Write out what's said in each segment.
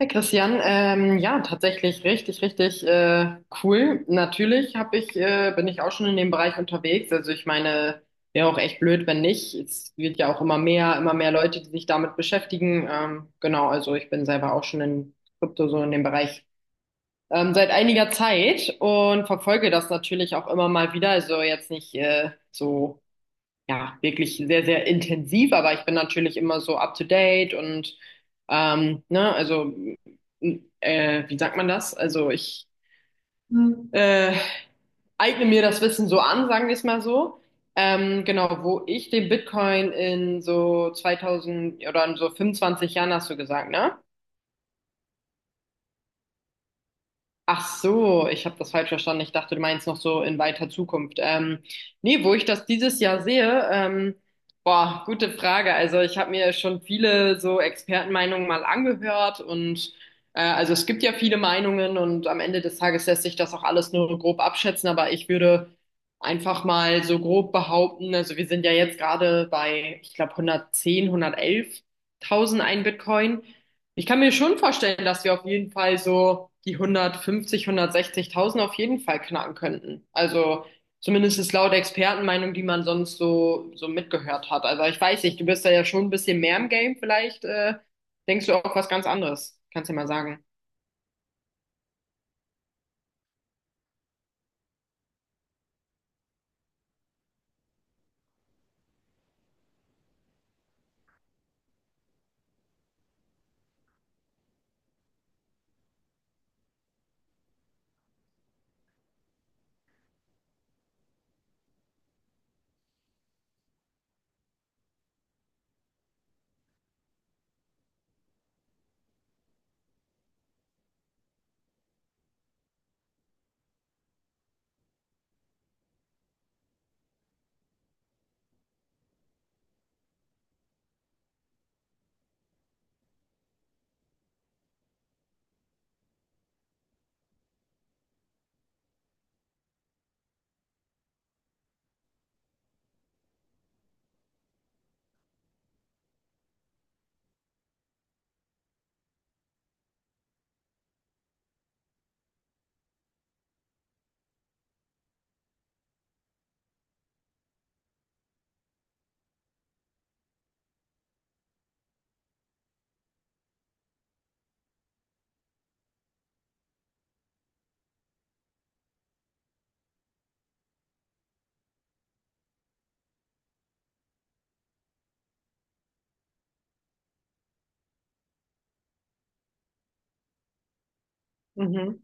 Hey Christian, ja, tatsächlich richtig, richtig cool. Natürlich bin ich auch schon in dem Bereich unterwegs. Also ich meine, wäre auch echt blöd, wenn nicht. Es wird ja auch immer mehr Leute, die sich damit beschäftigen. Genau, also ich bin selber auch schon in Krypto, so in dem Bereich seit einiger Zeit, und verfolge das natürlich auch immer mal wieder. Also jetzt nicht so, ja, wirklich sehr, sehr intensiv, aber ich bin natürlich immer so up to date. Und ne, also, wie sagt man das? Also ich Hm. äh, eigne mir das Wissen so an, sagen wir es mal so. Genau, wo ich den Bitcoin in so 2000 oder in so 25 Jahren, hast du gesagt, ne? Ach so, ich habe das falsch verstanden. Ich dachte, du meinst noch so in weiter Zukunft. Nee, wo ich das dieses Jahr sehe, boah, gute Frage. Also ich habe mir schon viele so Expertenmeinungen mal angehört, und also es gibt ja viele Meinungen, und am Ende des Tages lässt sich das auch alles nur grob abschätzen, aber ich würde einfach mal so grob behaupten, also wir sind ja jetzt gerade bei, ich glaube, 110, 111.000 ein Bitcoin. Ich kann mir schon vorstellen, dass wir auf jeden Fall so die 150, 160.000 auf jeden Fall knacken könnten. Also zumindest ist laut Expertenmeinung, die man sonst so mitgehört hat. Also ich weiß nicht, du bist da ja schon ein bisschen mehr im Game. Vielleicht denkst du auch was ganz anderes. Kannst du ja mal sagen. Mhm.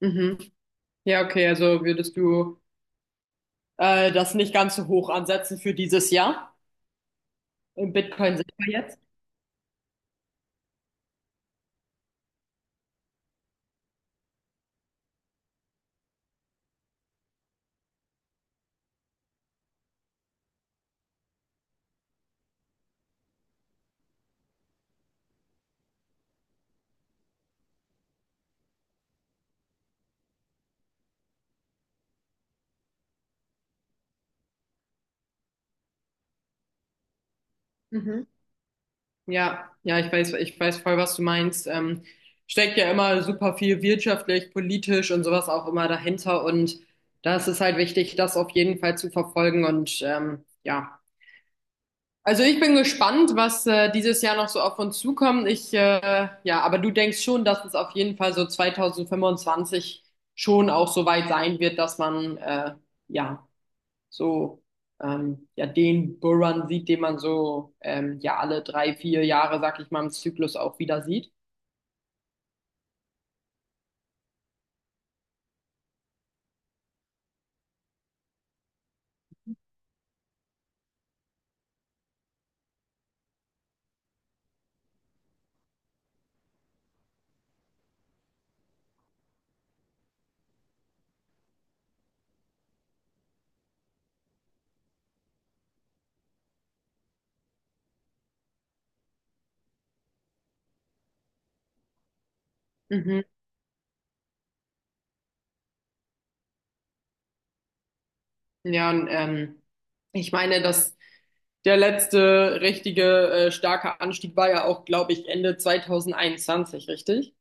Mhm. Ja, okay, also würdest du das nicht ganz so hoch ansetzen für dieses Jahr? Im Bitcoin sind wir jetzt. Mhm. Ja, ja, ich weiß voll, was du meinst. Steckt ja immer super viel wirtschaftlich, politisch und sowas auch immer dahinter. Und das ist halt wichtig, das auf jeden Fall zu verfolgen. Und ja, also ich bin gespannt, was dieses Jahr noch so auf uns zukommt. Ja, aber du denkst schon, dass es auf jeden Fall so 2025 schon auch so weit sein wird, dass man ja so ja, den Bullrun sieht, den man so ja alle 3, 4 Jahre, sag ich mal, im Zyklus auch wieder sieht. Mhm. Ja, und ich meine, dass der letzte richtige starke Anstieg war ja auch, glaube ich, Ende 2021, richtig?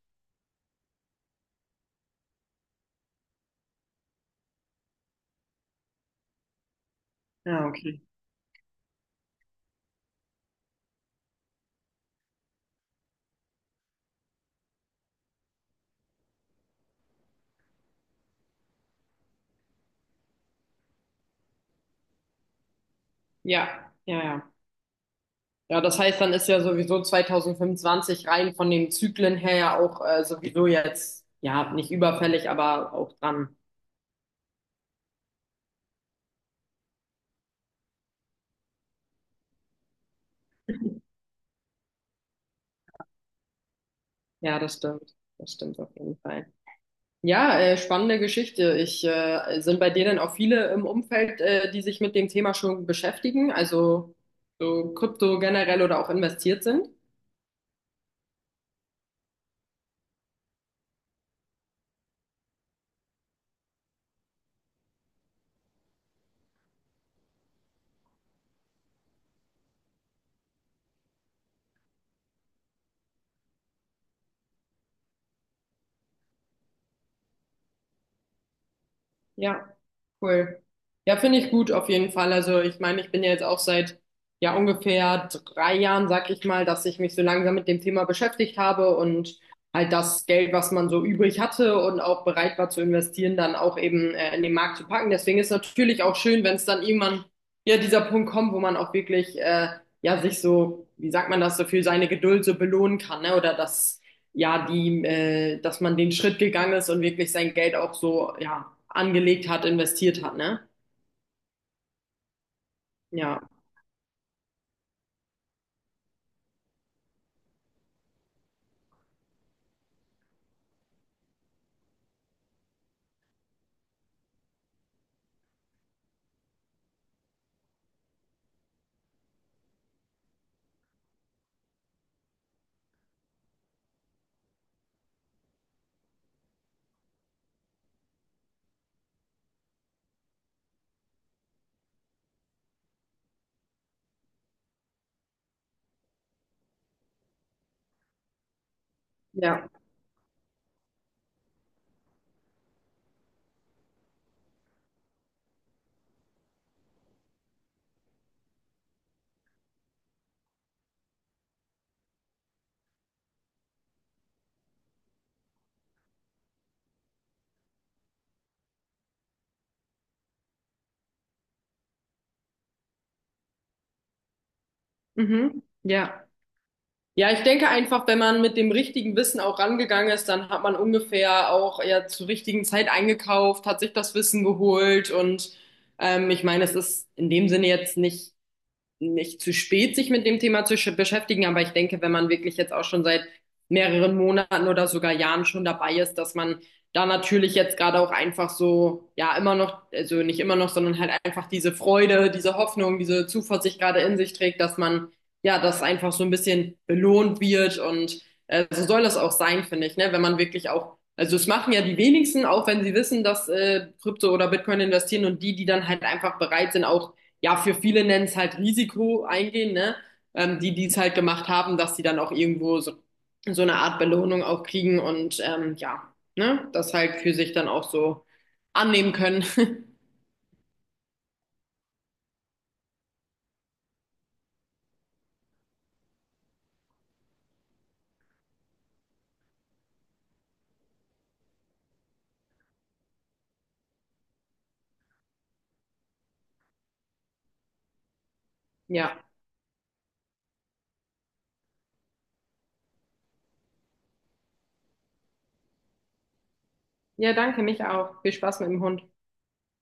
Ja, okay. Ja, ja, ja. Ja, das heißt, dann ist ja sowieso 2025 rein von den Zyklen her ja auch sowieso jetzt, ja, nicht überfällig, aber auch dran. Ja, das stimmt. Das stimmt auf jeden Fall. Ja, spannende Geschichte. Sind bei dir denn auch viele im Umfeld, die sich mit dem Thema schon beschäftigen, also so Krypto generell oder auch investiert sind? Ja, cool. Ja, finde ich gut auf jeden Fall. Also ich meine, ich bin ja jetzt auch seit ja ungefähr 3 Jahren, sag ich mal, dass ich mich so langsam mit dem Thema beschäftigt habe, und halt das Geld, was man so übrig hatte und auch bereit war zu investieren, dann auch eben in den Markt zu packen. Deswegen ist natürlich auch schön, wenn es dann irgendwann ja dieser Punkt kommt, wo man auch wirklich ja sich so, wie sagt man das, so für seine Geduld so belohnen kann, ne? Oder dass man den Schritt gegangen ist und wirklich sein Geld auch so, ja, angelegt hat, investiert hat, ne? Ja, ja, mhm, ja. Ja, ich denke einfach, wenn man mit dem richtigen Wissen auch rangegangen ist, dann hat man ungefähr auch ja zur richtigen Zeit eingekauft, hat sich das Wissen geholt, und ich meine, es ist in dem Sinne jetzt nicht zu spät, sich mit dem Thema zu beschäftigen, aber ich denke, wenn man wirklich jetzt auch schon seit mehreren Monaten oder sogar Jahren schon dabei ist, dass man da natürlich jetzt gerade auch einfach so, ja, immer noch, also nicht immer noch, sondern halt einfach diese Freude, diese Hoffnung, diese Zuversicht gerade in sich trägt, dass man, ja, das einfach so ein bisschen belohnt wird, und so soll das auch sein, finde ich, ne, wenn man wirklich auch. Also es machen ja die wenigsten, auch wenn sie wissen, dass Krypto oder Bitcoin investieren, und die, die dann halt einfach bereit sind, auch ja, für viele nennen es halt Risiko eingehen, ne? Die, die es halt gemacht haben, dass sie dann auch irgendwo so, eine Art Belohnung auch kriegen, und ja, ne? Das halt für sich dann auch so annehmen können. Ja. Ja, danke, mich auch. Viel Spaß mit dem Hund.